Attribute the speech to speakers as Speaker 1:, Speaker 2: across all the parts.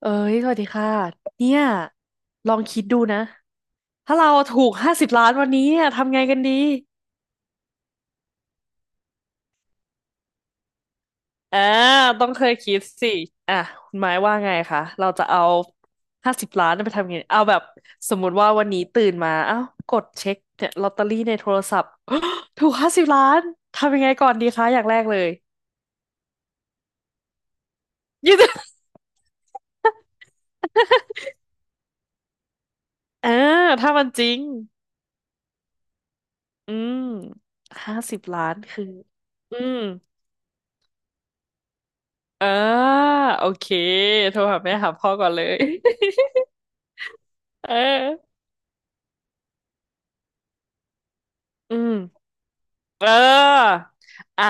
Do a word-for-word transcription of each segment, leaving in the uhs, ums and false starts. Speaker 1: เอ้ยสวัสดีค่ะเนี่ยลองคิดดูนะถ้าเราถูกห้าสิบล้านวันนี้เนี่ยทำไงกันดีอ่าต้องเคยคิดสิอ่ะคุณหมายว่าไงคะเราจะเอาห้าสิบล้านไปทำไงเอาแบบสมมติว่าวันนี้ตื่นมาเอ้ากดเช็คเนี่ยลอตเตอรี่ในโทรศัพท์ถูกห้าสิบล้านทำยังไงก่อนดีคะอย่างแรกเลยยด อ่าถ้ามันจริงอืมห้าสิบล้านคืออืม อ่าโอเคโทรหาแม่หาพ่อก่อนเลย เอออืมเอออ่ะ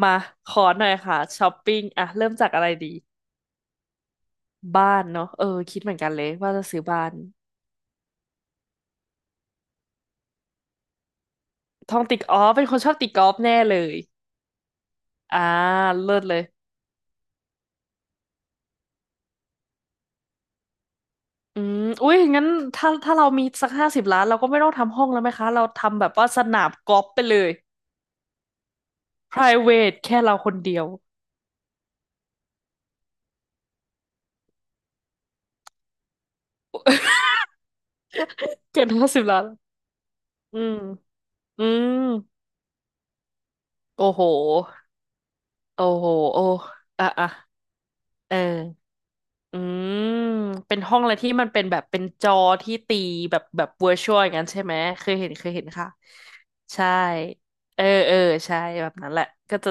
Speaker 1: มาขอหน่อยค่ะช้อปปิ้งอ่ะเริ่มจากอะไรดีบ้านเนาะเออคิดเหมือนกันเลยว่าจะซื้อบ้านท่องติกอ๋อเป็นคนชอบตีกอล์ฟแน่เลยอ่าเลิศเลยอืมอุ้ยงั้นถ้าถ้าเรามีสักห้าสิบล้านเราก็ไม่ต้องทำห้องแล้วไหมคะเราทำแบบว่าสนามกอล์ฟไปเลย private แค่เราคนเดียวเก็บห้าสิบล้านอืมอืมโอ้โห โอ้โหโอ้อ่ะอ่ะเอออืม เป็นห้องอะไรที่มันเป็นแบบเป็นจอที่ตีแบบแบบเวอร์ชวลอย่างนั้นใช่ไหมเคยเห็นเคยเห็นค่ะใช่เออเออใช่แบบนั้นแหละก็จะ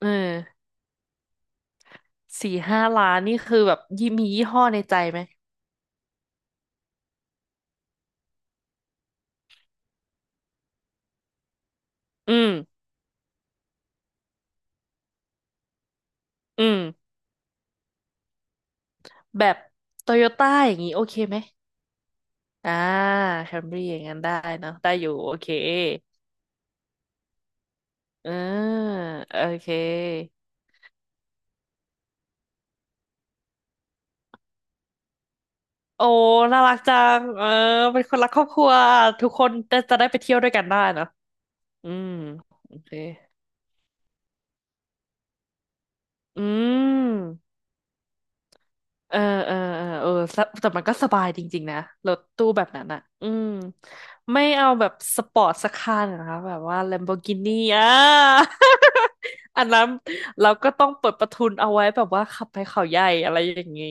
Speaker 1: เออสี่ห้าล้านนี่คือแบบยี่มียี่ห้อในใจไหมอืมอืมแบบโตโยต้าอย่างนี้โอเคไหมอ่าแคมรี่อย่างนั้นได้เนอะได้อยู่โอเคเออโอเค โอ้ น่ารักจังเออเป็นคนรักครอบครัว ทุกคนจะจะได้ไปเที่ยวด้วยกันได้เนอะอืมโอเคอืมเออเออเออเออสะแต่มันก็สบายจริงๆนะ รถตู้แบบนั้นอ่ะอืมไม่เอาแบบสปอร์ตสักคันนะคะแบบว่า Lamborghini อ่ะ อันนั้นเราก็ต้องเปิดประทุนเอาไว้แบบว่าขับไปเขาใหญ่อะไรอย่างนี้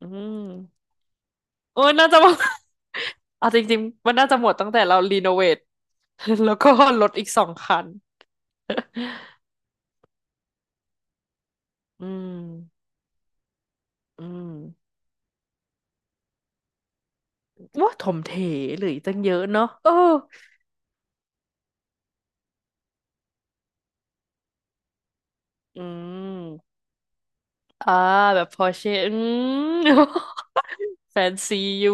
Speaker 1: อืม โอ้ยน่าจะว่า เอาจริงๆ มันน่าจะหมดตั้งแต่เรารีโนเวท แล้วก็ลดอีกสองคัน อืม อืมว่าถมเถเหรืออีกตั้งเยอะเนาะเอออืมอ่า แบบพอเช่อืม แฟนซีอยู่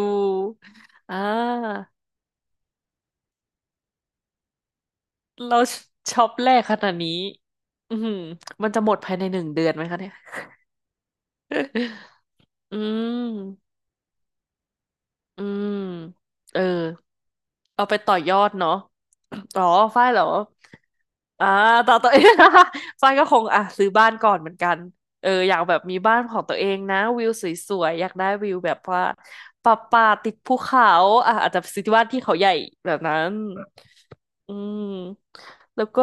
Speaker 1: อ่า เราช็อปแรกขนาดนี้ อืม มันจะหมดภายในหนึ่งเดือนไหมคะเนี่ย อืม อืม เออ เอาไปต่อยอดเนาะ อ๋อฝ้ายเหรอ อ่าต่อตัว เอง ฟ้ายก็คงอ่ะซื้อบ้านก่อนเหมือนกันเอออยากแบบมีบ้านของตัวเองนะวิวสวยๆอยากได้วิวแบบว่าป่าป่าติดภูเขาอ่ะอาจจะซื้อที่บ้านที่เขาใหญ่แบบนั้นอืมแล้วก็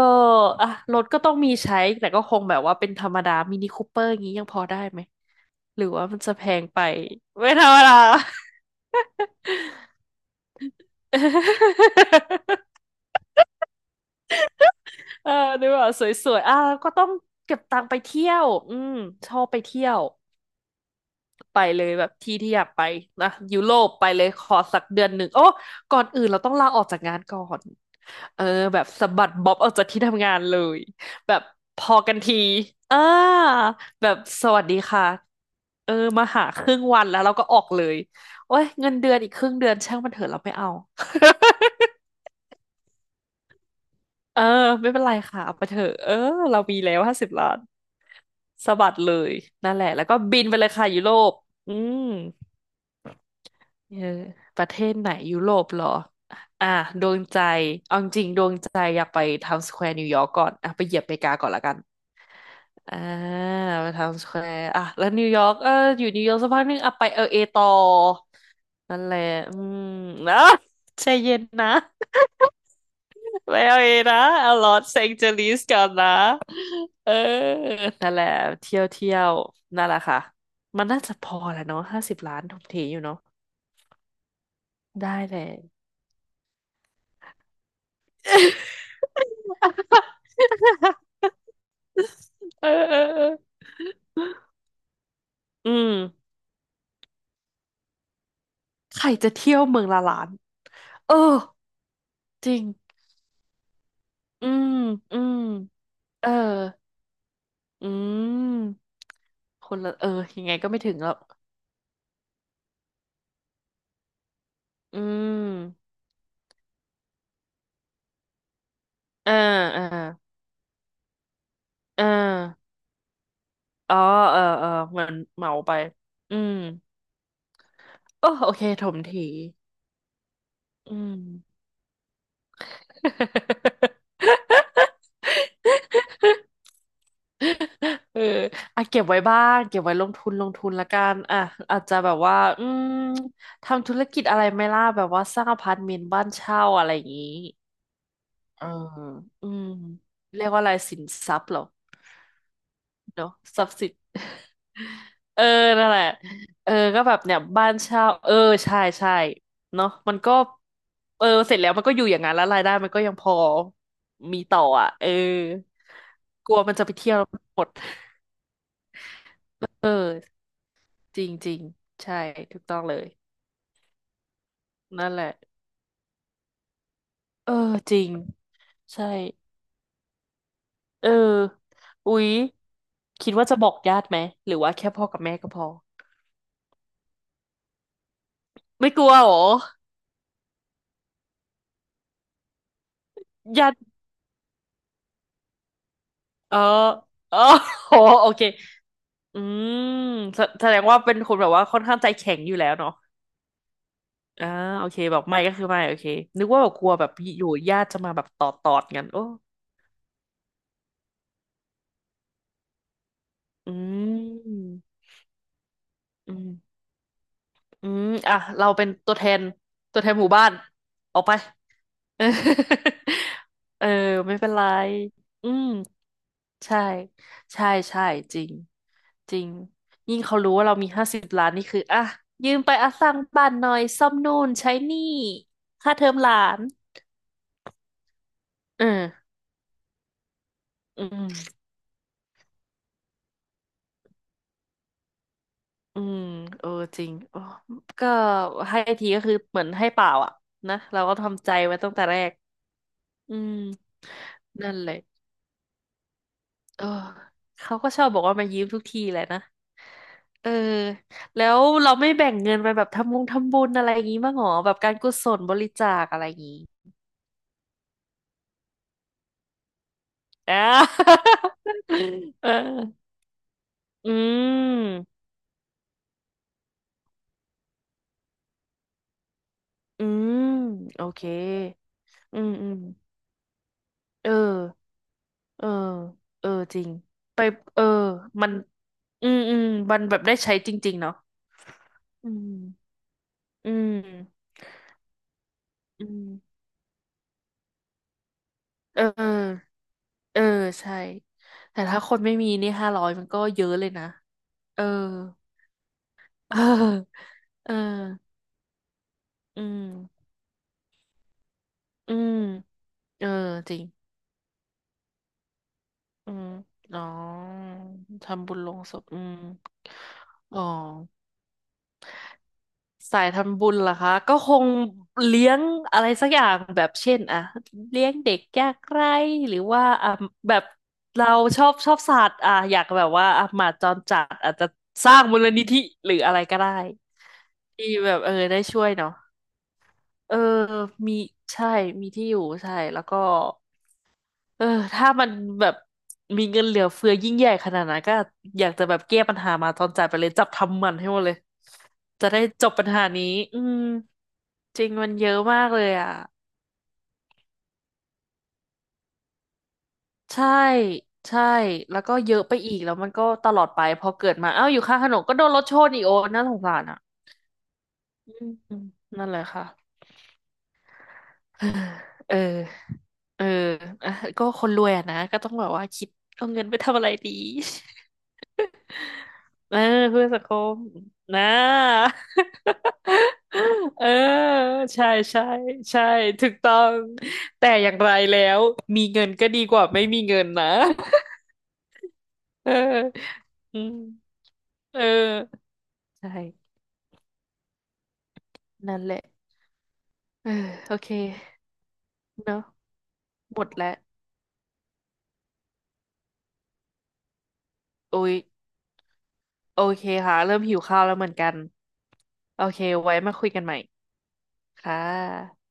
Speaker 1: อ่ะรถก็ต้องมีใช้แต่ก็คงแบบว่าเป็นธรรมดามินิคูเปอร์อย่างนี้ยังพอได้ไหมหรือว่ามันจะแพงไปไม่ธรรมดา เออดูว่าสวยๆอ่ะก็ต้องเก็บตังค์ไปเที่ยวอืมชอบไปเที่ยว ไปเลยแบบที่ที่อยากไปนะยุโรปไปเลยขอสักเดือนหนึ่งโอ้ก่อนอื่นเราต้องลาออกจากงานก่อนเออแบบสะบัดบ๊อบออกจากที่ทำงานเลยแบบพอกันทีอ่าแบบสวัสดีค่ะเออมาหาครึ่งวันแล้วเราก็ออกเลยโอ้ยเงินเดือนอีกครึ่งเดือนช่างมันเถอะเราไม่เอา เออไม่เป็นไรค่ะเอาไปเถอะเออเรามีแล้วห้าสิบล้านสะบัดเลยนั่นแหละแล้วก็บินไปเลยค่ะยุโรปอืม เออประเทศไหนยุโรปเหรอ อ่ะดวงใจเอาจริงๆดวงใจอยากไปไทม์สแควร์นิวยอร์กก่อนอ่ะไปเหยียบอเมริกาก่อนละกันอ่าไปไทม์สแควร์อ่ะแล้วนิวยอร์กเอออยู่นิวยอร์กสักพักหนึงอ่ะไปเอลเอต่อนั่นแหละอืมนะ ใจเย็นนะ ไปเอลเอนะเอาลอสแองเจลิสก่อนนะเออนั่นแหละเที่ยวเที่ยวนั่นแหละค่ะ มันน่าจะพอแหละเนาะห้าสิบล้านทุกทีอยู่เนาะได้เลย เออเออเอออืมใครจะเที่ยวเมืองละล้านเออจริงอืมอืมเอออืมคนละเออยังไงก็ไม่ถึงหรอกอืมอ่าอ่าอ่าอ๋อเออเออเหมือนเหมาไปอืมโอ้โอเคถมถีอืม เอออ่ะเก็บไว้บ้างเก็บไว้ลงทุนลงทุนละกันอ่ะอาจจะแบบว่าอืมทำธุรกิจอะไรไหม่ล่ะแบบว่าสร้างอพาร์ตเมนต์บ้านเช่าอะไรอย่างนี้เอออืมเรียกว่าอะไรสินทรัพย์เหรอเนาะทรัพย์สิน เออนั่นแหละเออก็แบบเนี่ยบ้านเช่า เออใช่ใช่เนาะมันก็ เออเสร็จแล้วมันก็อยู่อย่างนั้นแล้วรายได้มันก็ยังพอมีต่ออ่ะเออกลัวมันจะไปเที่ยวแล้วหมดเออ จริงจริงใช่ถูกต้องเลยนั่นแหละเออจริงใช่เอออุ๊ยคิดว่าจะบอกญาติไหมหรือว่าแค่พ่อกับแม่ก็พอไม่กลัวเหรอญาติเออเออ โอโอเคอืมแสแสดงว่าเป็นคนแบบว่าค่อนข้างใจแข็งอยู่แล้วเนาะอ่าโอเคแบบไม่ก็คือไม่โอเคนึกว่าแบบกลัวแบบอยู่ญาติจะมาแบบตอดตอดกันโอ้อืมอืมอืมอ่ะเราเป็นตัวแทนตัวแทนหมู่บ้านออกไป เออเออไม่เป็นไรอืมใช่ใช่ใช่จริงจริงยิ่งเขารู้ว่าเรามีห้าสิบล้านนี่คืออ่ะยืมไปอ่ะสร้างบ้านหน่อยซ่อมนู่นใช้นี่ค่าเทอมหลานเอออืมอืมเออจริงโอ้ก็ให้ทีก็คือเหมือนให้เปล่าอ่ะนะเราก็ทำใจไว้ตั้งแต่แรกอืมนั่นแหละ เออเขาก็ชอบบอกว่ามายืมทุกทีแหละนะเออแล้วเราไม่แบ่งเงินไปแบบทำบุญทำบุญอะไรอย่างงี้บ้างหรอแบบการกุศลบริจาคอะไรอย่างงี้อ่า เอออืมอืมโอเคอืมอืมเออเออเออจริงไปเออมันอืมอืมมันแบบได้ใช้จริงๆเนาะอืมอืมอืมเออ เออใช่แต่ถ้าคนไม่มีนี่ห้าร้อยมันก็เยอะเลยนะเออ เออเอออืมอืมเออจริงอืมอ๋อทำบุญลงศพอืมอ๋อ สายทำบุญเหรอคะก็คงเลี้ยงอะไรสักอย่างแบบเช่นอะเลี้ยงเด็กยากไร้หรือว่าอ่ะแบบเราชอบชอบสัตว์อ่ะอยากแบบว่าอ่ะหมาจรจัดอาจจะสร้างมูลนิธิหรืออะไรก็ได้ที่แบบเออได้ช่วยเนาะเออมีใช่มีที่อยู่ใช่แล้วก็ เออถ้ามันแบบมีเงินเหลือเฟือยิ่งใหญ่ขนาดนั้นก็อยากจะแบบแก้ปัญหามาตอนจ่ายไปเลยจับทำมันให้หมดเลยจะได้จบปัญหานี้อืมจริงมันเยอะมากเลยอ่ะใช่ใช่แล้วก็เยอะไปอีกแล้วมันก็ตลอดไปพอเกิดมาเอ้าอยู่ข้างถนนก็โดนรถชนอีกโอ้น่าสงสารอ่ะอืมนั่นแหละค่ะ เออเอออ่ะก็คนรวยอะนะก็ต้องแบบว่าคิดเอาเงินไปทำอะไรดี เออเพื่อสังคมนะ เออใช่ใช่ใช่ถูกต้องแต่อย่างไรแล้วมีเงินก็ดีกว่าไม่มีเงินนะ เอออืมเออใช่นั่นแหละเออโอเคเนอะหมดแล้วโอ้ยโอเคค่ะเริ่มหิวข้าวแล้วเหมือนกันโอเคไว้มาคุยกันใหม่ค่ะ